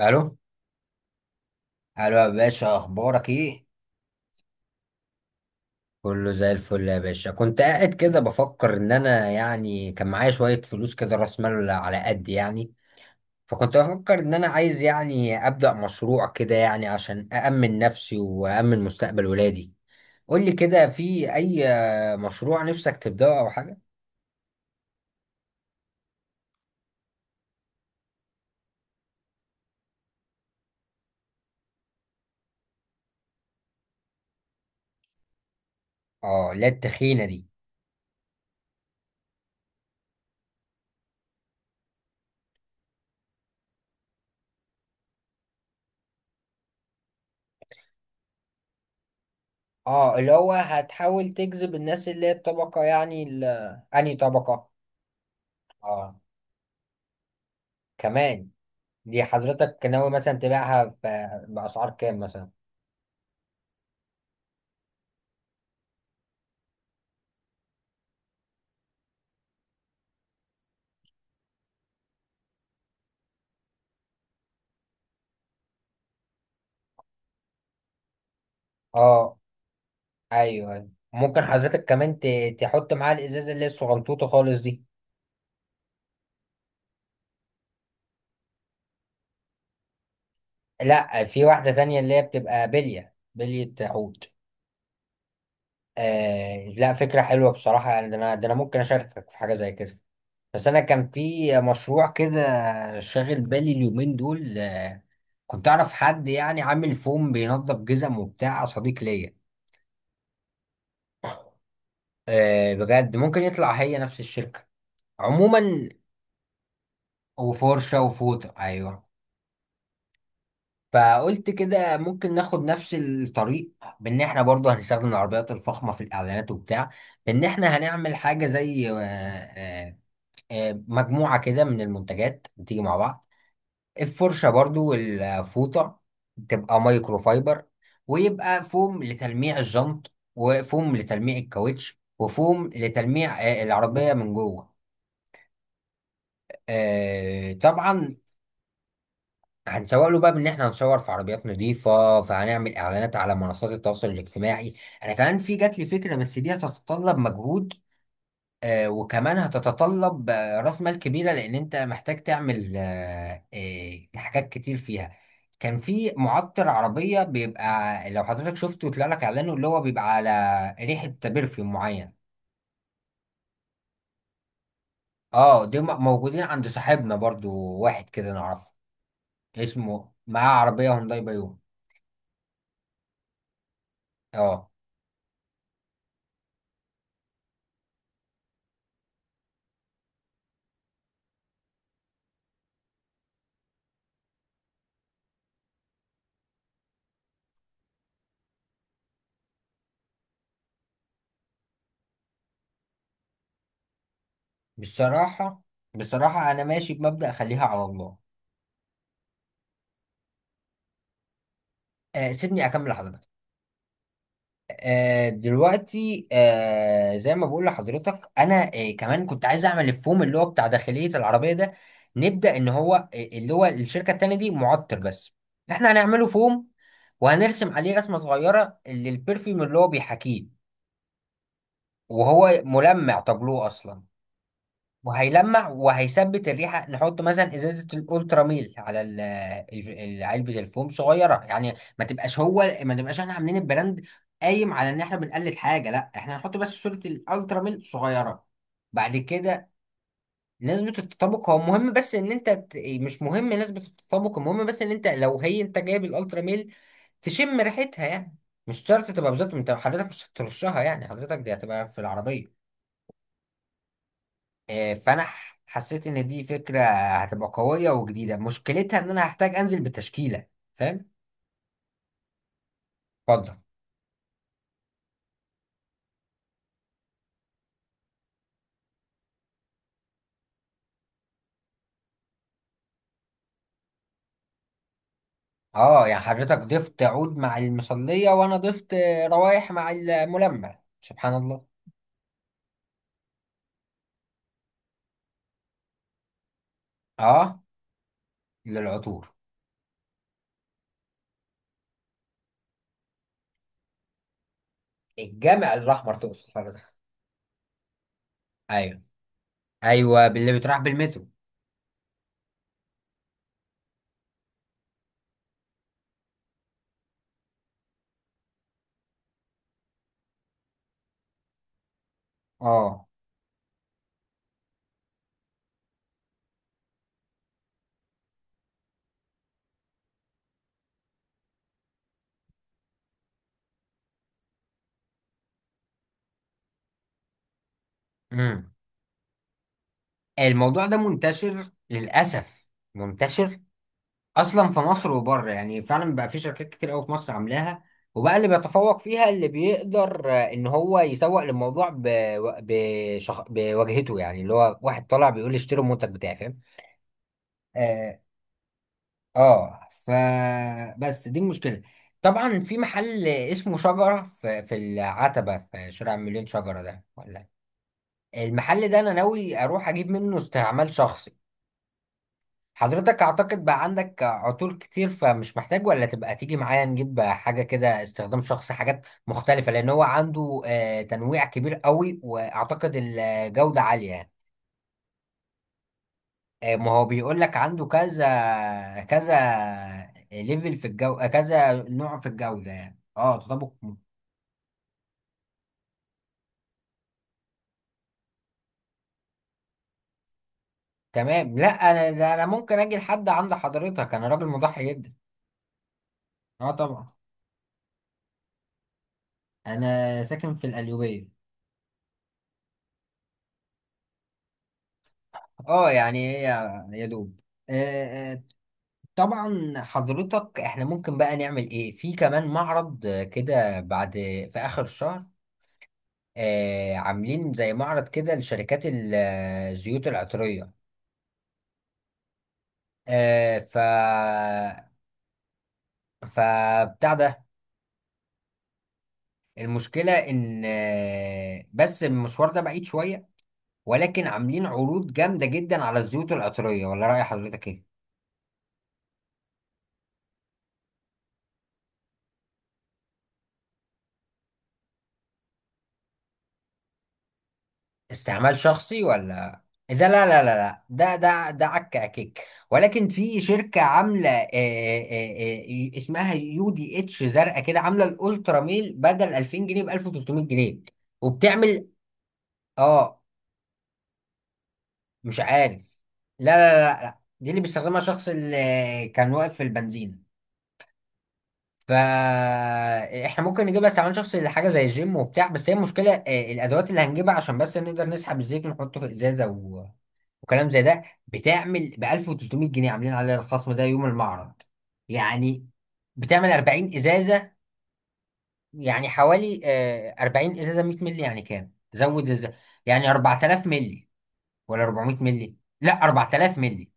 الو الو يا باشا، اخبارك ايه؟ كله زي الفل يا باشا. كنت قاعد كده بفكر ان انا، كان معايا شوية فلوس كده، راس مال على قد يعني. فكنت بفكر ان انا عايز يعني ابدأ مشروع كده يعني، عشان أأمن نفسي وأأمن مستقبل ولادي. قول لي كده في اي مشروع نفسك تبدأه او حاجة. اه لا التخينة دي. اه، اللي هو هتحاول تجذب الناس اللي هي الطبقة يعني انهي طبقة؟ اه، كمان. دي حضرتك ناوي مثلا تبيعها بأسعار كام مثلا؟ اه. ايوه ايوه، ممكن حضرتك كمان تحط معاها الازازة اللي هي الصغنطوطة خالص دي. لا، في واحدة تانية اللي هي بتبقى بلية بلية حوت. لا، فكرة حلوة بصراحة. يعني ده انا ممكن اشاركك في حاجة زي كده. بس انا كان في مشروع كده شاغل بالي اليومين دول. كنت اعرف حد يعني عامل فوم بينظف جزم وبتاع، صديق ليا. بجد، ممكن يطلع هي نفس الشركة. عموما، وفرشة وفوطة، أيوه. فقلت كده ممكن ناخد نفس الطريق، بإن إحنا برضو هنستخدم العربيات الفخمة في الإعلانات وبتاع. بإن إحنا هنعمل حاجة زي مجموعة كده من المنتجات بتيجي مع بعض، الفرشة برضو والفوطة تبقى مايكرو فايبر، ويبقى فوم لتلميع الجنط وفوم لتلميع الكاوتش وفوم لتلميع العربية من جوه. طبعا. هنسوق له بقى بان احنا هنصور في عربيات نظيفه، فهنعمل اعلانات على منصات التواصل الاجتماعي. انا كمان في جات لي فكره، بس دي هتتطلب مجهود. وكمان هتتطلب راس مال كبيره، لان انت محتاج تعمل حاجات كتير فيها. كان في معطر عربيه بيبقى، لو حضرتك شفته طلع لك اعلانه، اللي هو بيبقى على ريحه برفيوم معين. اه دي موجودين عند صاحبنا برضو، واحد كده نعرفه اسمه، معاه عربيه هونداي بايون. اه. بصراحة، بصراحة أنا ماشي بمبدأ خليها على الله. سيبني أكمل لحضرتك. دلوقتي، زي ما بقول لحضرتك أنا، كمان كنت عايز أعمل الفوم اللي هو بتاع داخلية العربية ده. نبدأ إن هو اللي هو الشركة التانية دي معطر بس، إحنا هنعمله فوم. وهنرسم عليه رسمة صغيرة للبرفيوم اللي هو بيحاكيه، وهو ملمع تابلوه أصلا، وهيلمع وهيثبت الريحه. نحط مثلا ازازه الالترا ميل على علبه الفوم صغيره يعني. ما تبقاش احنا عاملين البراند قايم على ان احنا بنقلد حاجه، لا احنا هنحط بس صوره الالترا ميل صغيره. بعد كده نسبة التطابق هو مهم، بس ان انت مش مهم نسبة التطابق، المهم بس ان انت لو هي انت جايب الالترا ميل تشم ريحتها يعني. مش شرط تبقى بالظبط، انت حضرتك مش هترشها يعني، حضرتك دي هتبقى في العربية. فانا حسيت ان دي فكره هتبقى قويه وجديده. مشكلتها ان انا هحتاج انزل بتشكيله، فاهم؟ اتفضل. اه يعني حضرتك ضفت عود مع المصليه، وانا ضفت روايح مع الملمع. سبحان الله. اه، للعطور. الجامع الاحمر تقصد حضرتك؟ ايوه، ايوه، باللي بيتراح بالمترو. اه. امم. الموضوع ده منتشر للاسف، منتشر اصلا في مصر وبره، يعني فعلا بقى في شركات كتير قوي في مصر عاملاها. وبقى اللي بيتفوق فيها اللي بيقدر ان هو يسوق للموضوع بواجهته يعني، اللي هو واحد طالع بيقول لي اشتروا المنتج بتاعي، فاهم؟ اه اه ف، بس دي المشكله. طبعا في محل اسمه شجره في، في العتبه، في شارع مليون شجره ده ولا؟ المحل ده انا ناوي اروح اجيب منه استعمال شخصي. حضرتك اعتقد بقى عندك عطور كتير فمش محتاج، ولا تبقى تيجي معايا نجيب حاجة كده استخدام شخصي، حاجات مختلفة، لان هو عنده تنويع كبير قوي، واعتقد الجودة عالية يعني. ما هو بيقول لك عنده كذا كذا ليفل في الجو، كذا نوع في الجودة. يعني اه تطابق تمام. لا انا ده انا ممكن اجي لحد عند حضرتك، انا راجل مضحي جدا. اه طبعا. انا ساكن في القليوبية. اه يعني هي، يا دوب. آه، آه، طبعا. حضرتك، احنا ممكن بقى نعمل ايه في كمان معرض كده، بعد في اخر الشهر، عاملين زي معرض كده لشركات الزيوت العطرية. آه ف فبتاع ده، المشكلة ان بس المشوار ده بعيد شوية، ولكن عاملين عروض جامدة جدا على الزيوت العطرية. ولا رأي حضرتك ايه؟ استعمال شخصي ولا؟ ده لا لا لا لا، ده عك عكيك. ولكن في شركة عاملة، اسمها يو دي اتش، زرقاء كده، عاملة الالترا ميل بدل 2000 جنيه ب 1300 جنيه. وبتعمل اه مش عارف. لا لا لا لا، دي اللي بيستخدمها الشخص اللي كان واقف في البنزين. فاحنا ممكن نجيبها استعمال شخصي لحاجة زي الجيم وبتاع. بس هي المشكلة الادوات اللي هنجيبها عشان بس نقدر نسحب الزيت ونحطه في ازازة وكلام زي ده. بتعمل ب 1300 جنيه عاملين عليها الخصم ده يوم المعرض يعني. بتعمل 40 ازازه، يعني حوالي 40 ازازه 100 مللي، يعني كام؟ زود ازازه يعني. 4000 مللي ولا 400 مللي؟ لا 4000 مللي.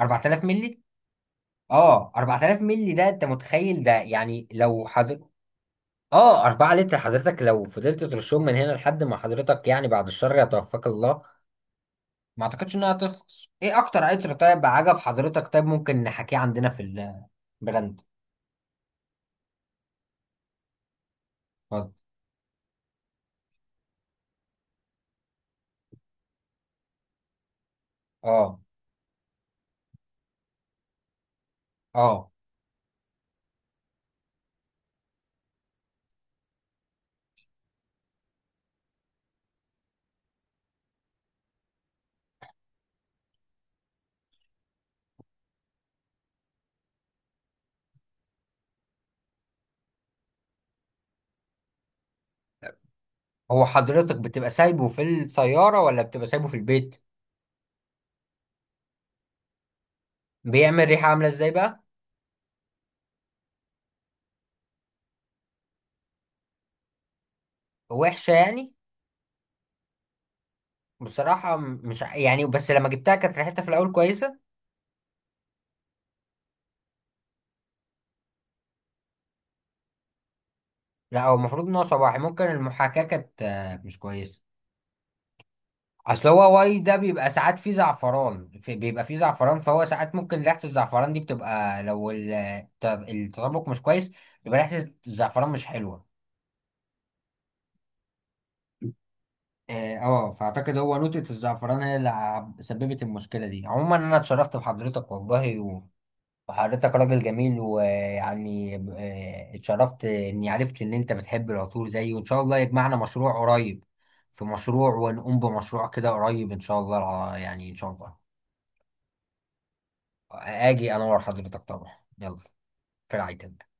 4000 مللي؟ اه 4000 مللي، ده انت متخيل ده يعني؟ لو حضر اه 4 لتر حضرتك، لو فضلت ترشهم من هنا لحد ما حضرتك، يعني بعد الشر يتوفاك الله، ما اعتقدش انها هتخلص. ايه اكتر عطر طيب عجب حضرتك، طيب ممكن نحكيه عندنا في البراند؟ اتفضل. اه اه هو حضرتك بتبقى سايبه في السيارة ولا بتبقى سايبه في البيت؟ بيعمل ريحة عاملة ازاي بقى؟ وحشة يعني؟ بصراحة م- مش ع- يعني بس لما جبتها كانت ريحتها في الاول كويسة. لا هو المفروض ان هو صباحي، ممكن المحاكاة كانت مش كويسة. اصل هو واي ده بيبقى ساعات فيه زعفران، في بيبقى فيه زعفران، فهو ساعات ممكن ريحة الزعفران دي بتبقى، لو التطابق مش كويس يبقى ريحة الزعفران مش حلوة. اه، فاعتقد هو نوتة الزعفران هي اللي سببت المشكلة دي. عموما انا اتشرفت بحضرتك والله، و وحضرتك راجل جميل، ويعني اتشرفت اني عرفت ان انت بتحب العطور زيي، وان شاء الله يجمعنا مشروع قريب. في مشروع ونقوم بمشروع كده قريب ان شاء الله، يعني ان شاء الله. اجي انور حضرتك طبعا، يلا. في رعاية الله.